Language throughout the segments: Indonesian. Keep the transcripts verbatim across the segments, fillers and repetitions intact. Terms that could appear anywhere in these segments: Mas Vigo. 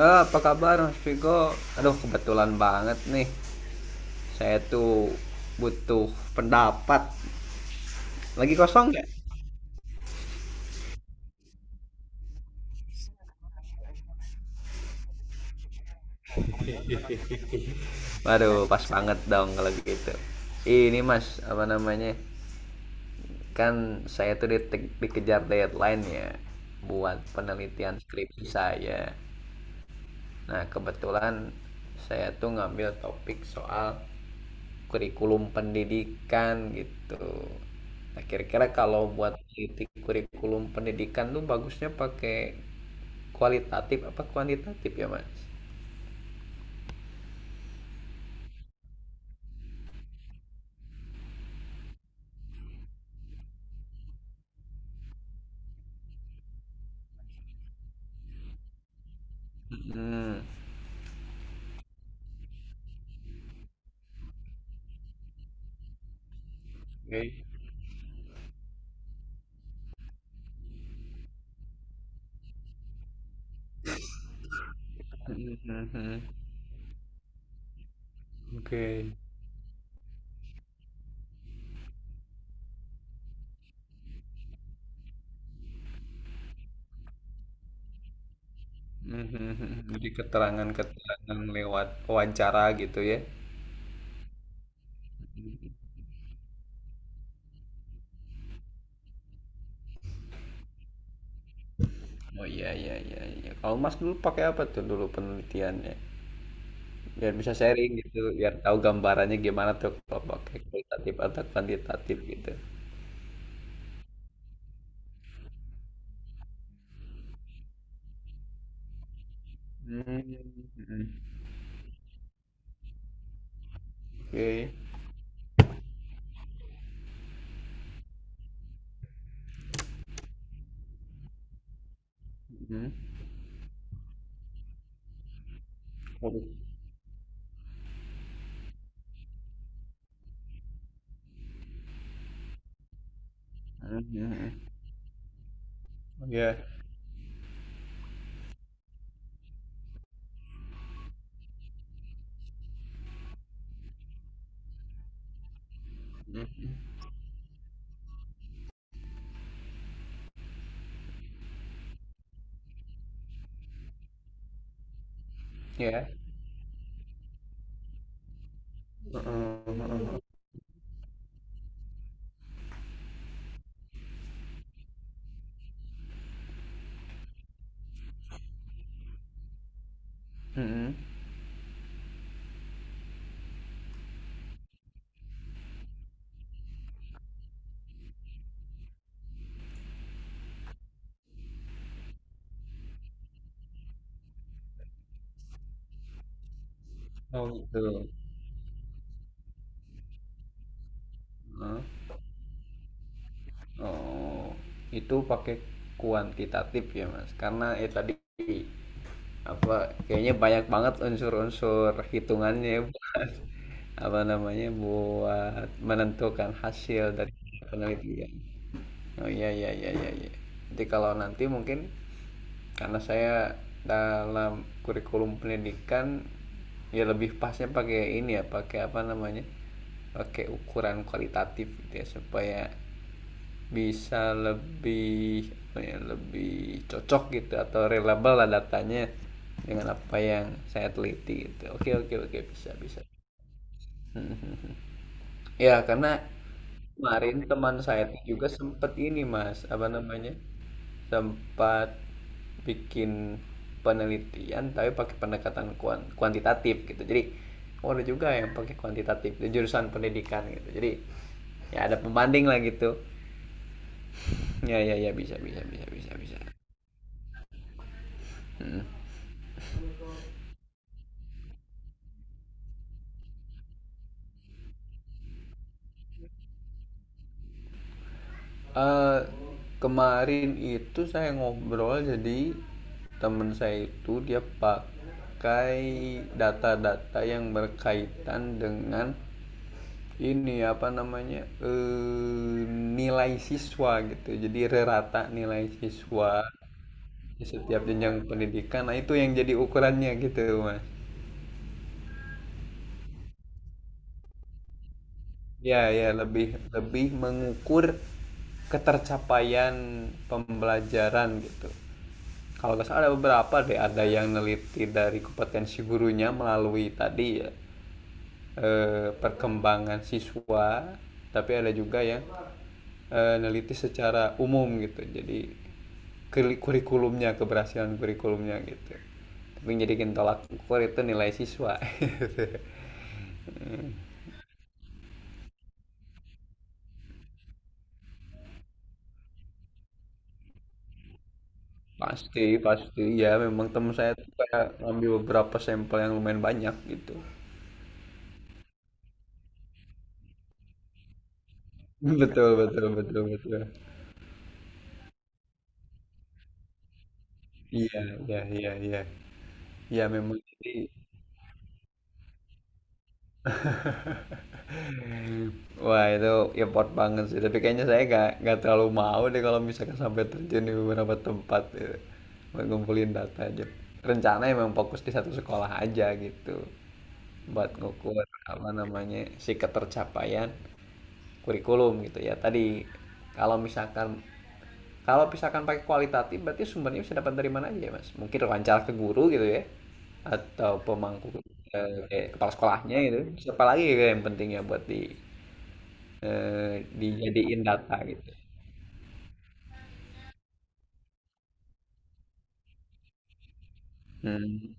Eh, apa kabar Mas Vigo? Aduh, kebetulan banget nih. Saya tuh butuh pendapat. Lagi kosong nggak? Waduh, pas banget dong kalau gitu. Ini Mas, apa namanya? Kan saya tuh di- dikejar deadline ya buat penelitian skripsi saya. Nah, kebetulan saya tuh ngambil topik soal kurikulum pendidikan gitu. Nah, kira-kira kalau buat meneliti kurikulum pendidikan tuh bagusnya pakai kualitatif apa kuantitatif ya, Mas? Hmm, oke. Hmm, hmm, hmm. Oke. Hmm, hmm, hmm. Jadi keterangan-keterangan lewat wawancara gitu ya. Oh iya iya iya iya. Kalau Mas dulu pakai apa tuh dulu penelitiannya? Biar bisa sharing gitu, biar tahu gambarannya gimana tuh kalau pakai kualitatif atau kuantitatif gitu. Mmm, mhm. Oke, mhm. Waduh, mhm mhm. Iya, mhm, iya, heeh heeh heeh, mhm. Oh gitu, heeh. Oh, itu pakai kuantitatif ya, Mas, karena ya tadi apa kayaknya banyak banget unsur-unsur hitungannya ya buat apa namanya buat menentukan hasil dari penelitian. Oh iya iya iya iya, iya. Jadi kalau nanti mungkin karena saya dalam kurikulum pendidikan ya lebih pasnya pakai ini ya pakai apa namanya pakai ukuran kualitatif gitu ya supaya bisa lebih apa ya, lebih cocok gitu atau reliable lah datanya dengan apa yang saya teliti gitu. Oke oke oke bisa bisa. Ya karena kemarin teman saya tuh juga sempat ini mas apa namanya sempat bikin penelitian tapi pakai pendekatan kuan- kuantitatif gitu. Jadi oh ada juga yang pakai kuantitatif di jurusan pendidikan gitu. Jadi ya ada pembanding lah gitu. Ya ya ya bisa bisa bisa bisa bisa. Mm. Eh, Kemarin itu saya ngobrol jadi temen saya itu dia pakai data-data yang berkaitan dengan ini apa namanya eh, nilai siswa gitu. Jadi rata nilai siswa di setiap jenjang pendidikan. Nah itu yang jadi ukurannya gitu mas. Ya, ya lebih lebih mengukur ketercapaian pembelajaran gitu. Kalau nggak salah ada beberapa deh, ada yang neliti dari kompetensi gurunya melalui tadi ya eh, perkembangan siswa, tapi ada juga yang eh, neliti secara umum gitu. Jadi kuri- kurikulumnya keberhasilan kurikulumnya gitu. Tapi jadi tolak ukur itu nilai siswa. Pasti, pasti. Ya, memang teman saya tuh kayak ngambil beberapa sampel yang lumayan banyak gitu. Betul, betul, betul, betul. Iya, iya, iya, iya. Ya memang jadi wah itu effort banget sih, tapi kayaknya saya nggak nggak terlalu mau deh kalau misalkan sampai terjun di beberapa tempat gitu. Buat ngumpulin data aja. Rencana emang fokus di satu sekolah aja gitu, buat ngukur apa namanya si ketercapaian kurikulum gitu ya. Tadi kalau misalkan kalau misalkan pakai kualitatif berarti sumbernya bisa dapat dari mana aja ya, Mas? Mungkin wawancara ke guru gitu ya atau pemangku eh, eh, kepala sekolahnya gitu. Siapa lagi gitu yang pentingnya buat di eh, dijadiin data gitu. Hmm.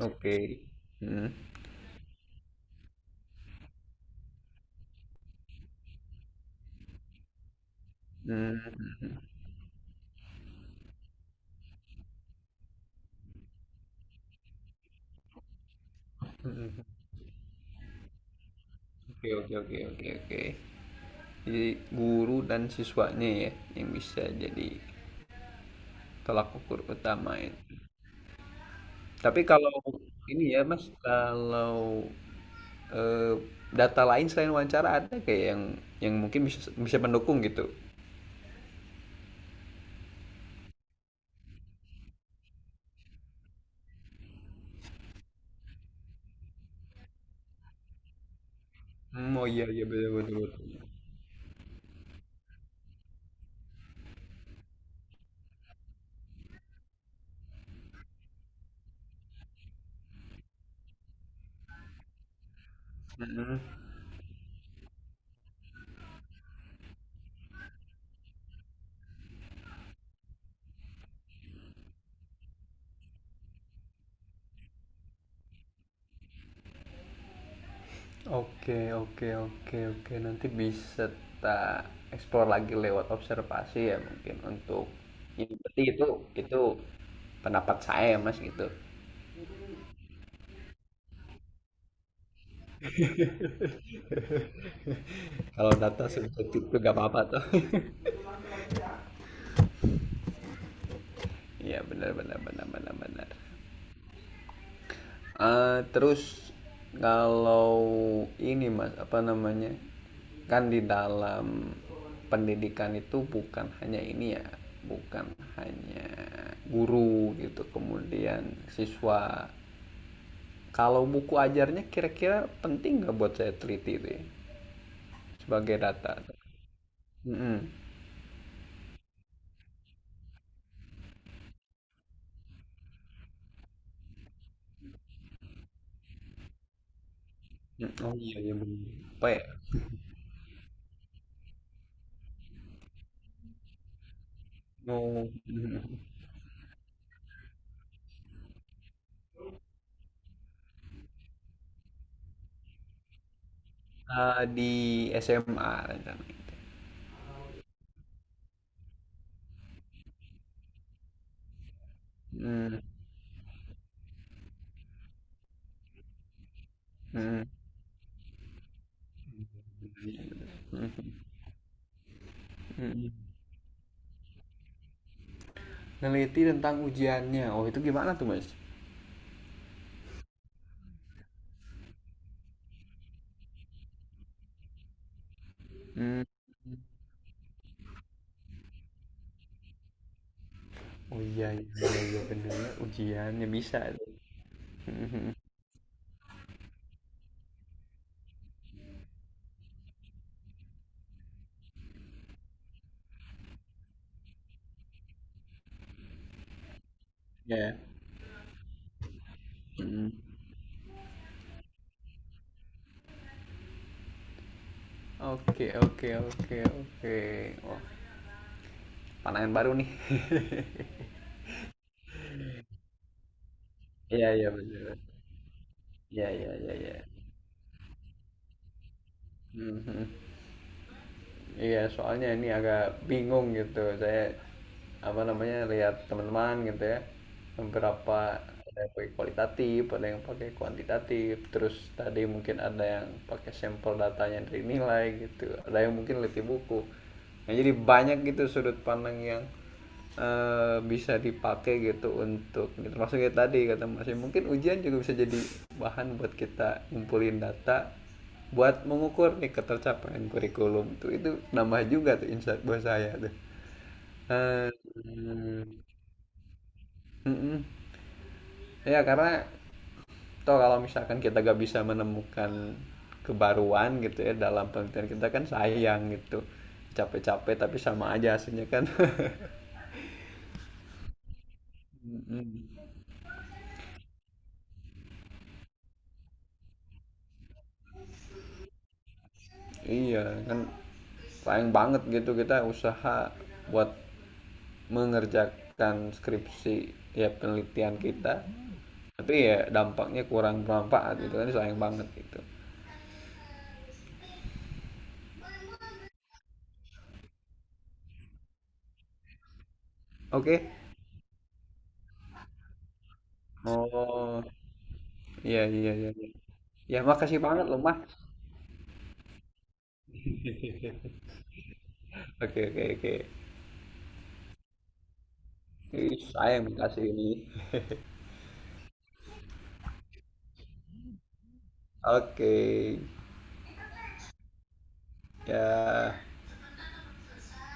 Oke. Hmm. Hmm. hmm. Oke, oke, oke, oke, oke. Jadi guru dan siswanya ya yang bisa jadi tolak ukur utama itu. Tapi kalau ini ya Mas, kalau eh, data lain selain wawancara ada kayak yang yang mungkin bisa bisa mendukung gitu. Hmm, oh iya iya betul betul, betul. Mm-mm. Oke, oke, oke, oke. Nanti bisa tak explore lagi lewat observasi ya mungkin untuk ini berarti itu itu pendapat saya ya, Mas gitu. Kalau data subjektif itu gak apa-apa tuh. Iya benar benar benar benar benar. Eh, terus kalau ini mas apa namanya kan di dalam pendidikan itu bukan hanya ini ya bukan hanya guru gitu kemudian siswa kalau buku ajarnya kira-kira penting nggak buat saya teliti itu ya sebagai data. Mm-mm. Mm, oh iya iya bener. Apa ya, oh. Ah, di S M A rencananya. Mm, mm, mm, mm. Neliti tentang ujiannya. Oh, itu gimana tuh, Mas? Hmm, oh iya, iya, iya iya, bener ya. Ujiannya bisa. Mhm. Ya. Hmm. Oke, oke, oke, oke. Wah, pandangan baru nih. Iya iya benar. Iya iya iya iya. Mhm. Iya, soalnya ini agak bingung gitu. Saya apa namanya lihat teman-teman gitu ya, beberapa ada yang pakai kualitatif, ada yang pakai kuantitatif. Terus tadi mungkin ada yang pakai sampel datanya dari nilai gitu, ada yang mungkin lebih buku. Nah, jadi banyak gitu sudut pandang yang eh, bisa dipakai gitu untuk termasuk kayak tadi kata Mas mungkin ujian juga bisa jadi bahan buat kita ngumpulin data buat mengukur nih ketercapaian kurikulum tuh itu nambah juga tuh insight buat saya tuh. Eee, mhm. Ya karena toh kalau misalkan kita gak bisa menemukan kebaruan gitu ya dalam penelitian kita kan sayang gitu. Capek-capek tapi sama aja hasilnya kan. Mhm. Iya kan sayang banget gitu kita usaha buat mengerjakan skripsi ya penelitian kita tapi ya dampaknya kurang bermanfaat gitu kan sayang banget gitu. Oke, oh iya iya iya iya. Ya makasih banget loh mas. Oke oke oke. Ih, sayang makasih ini. Oke ya.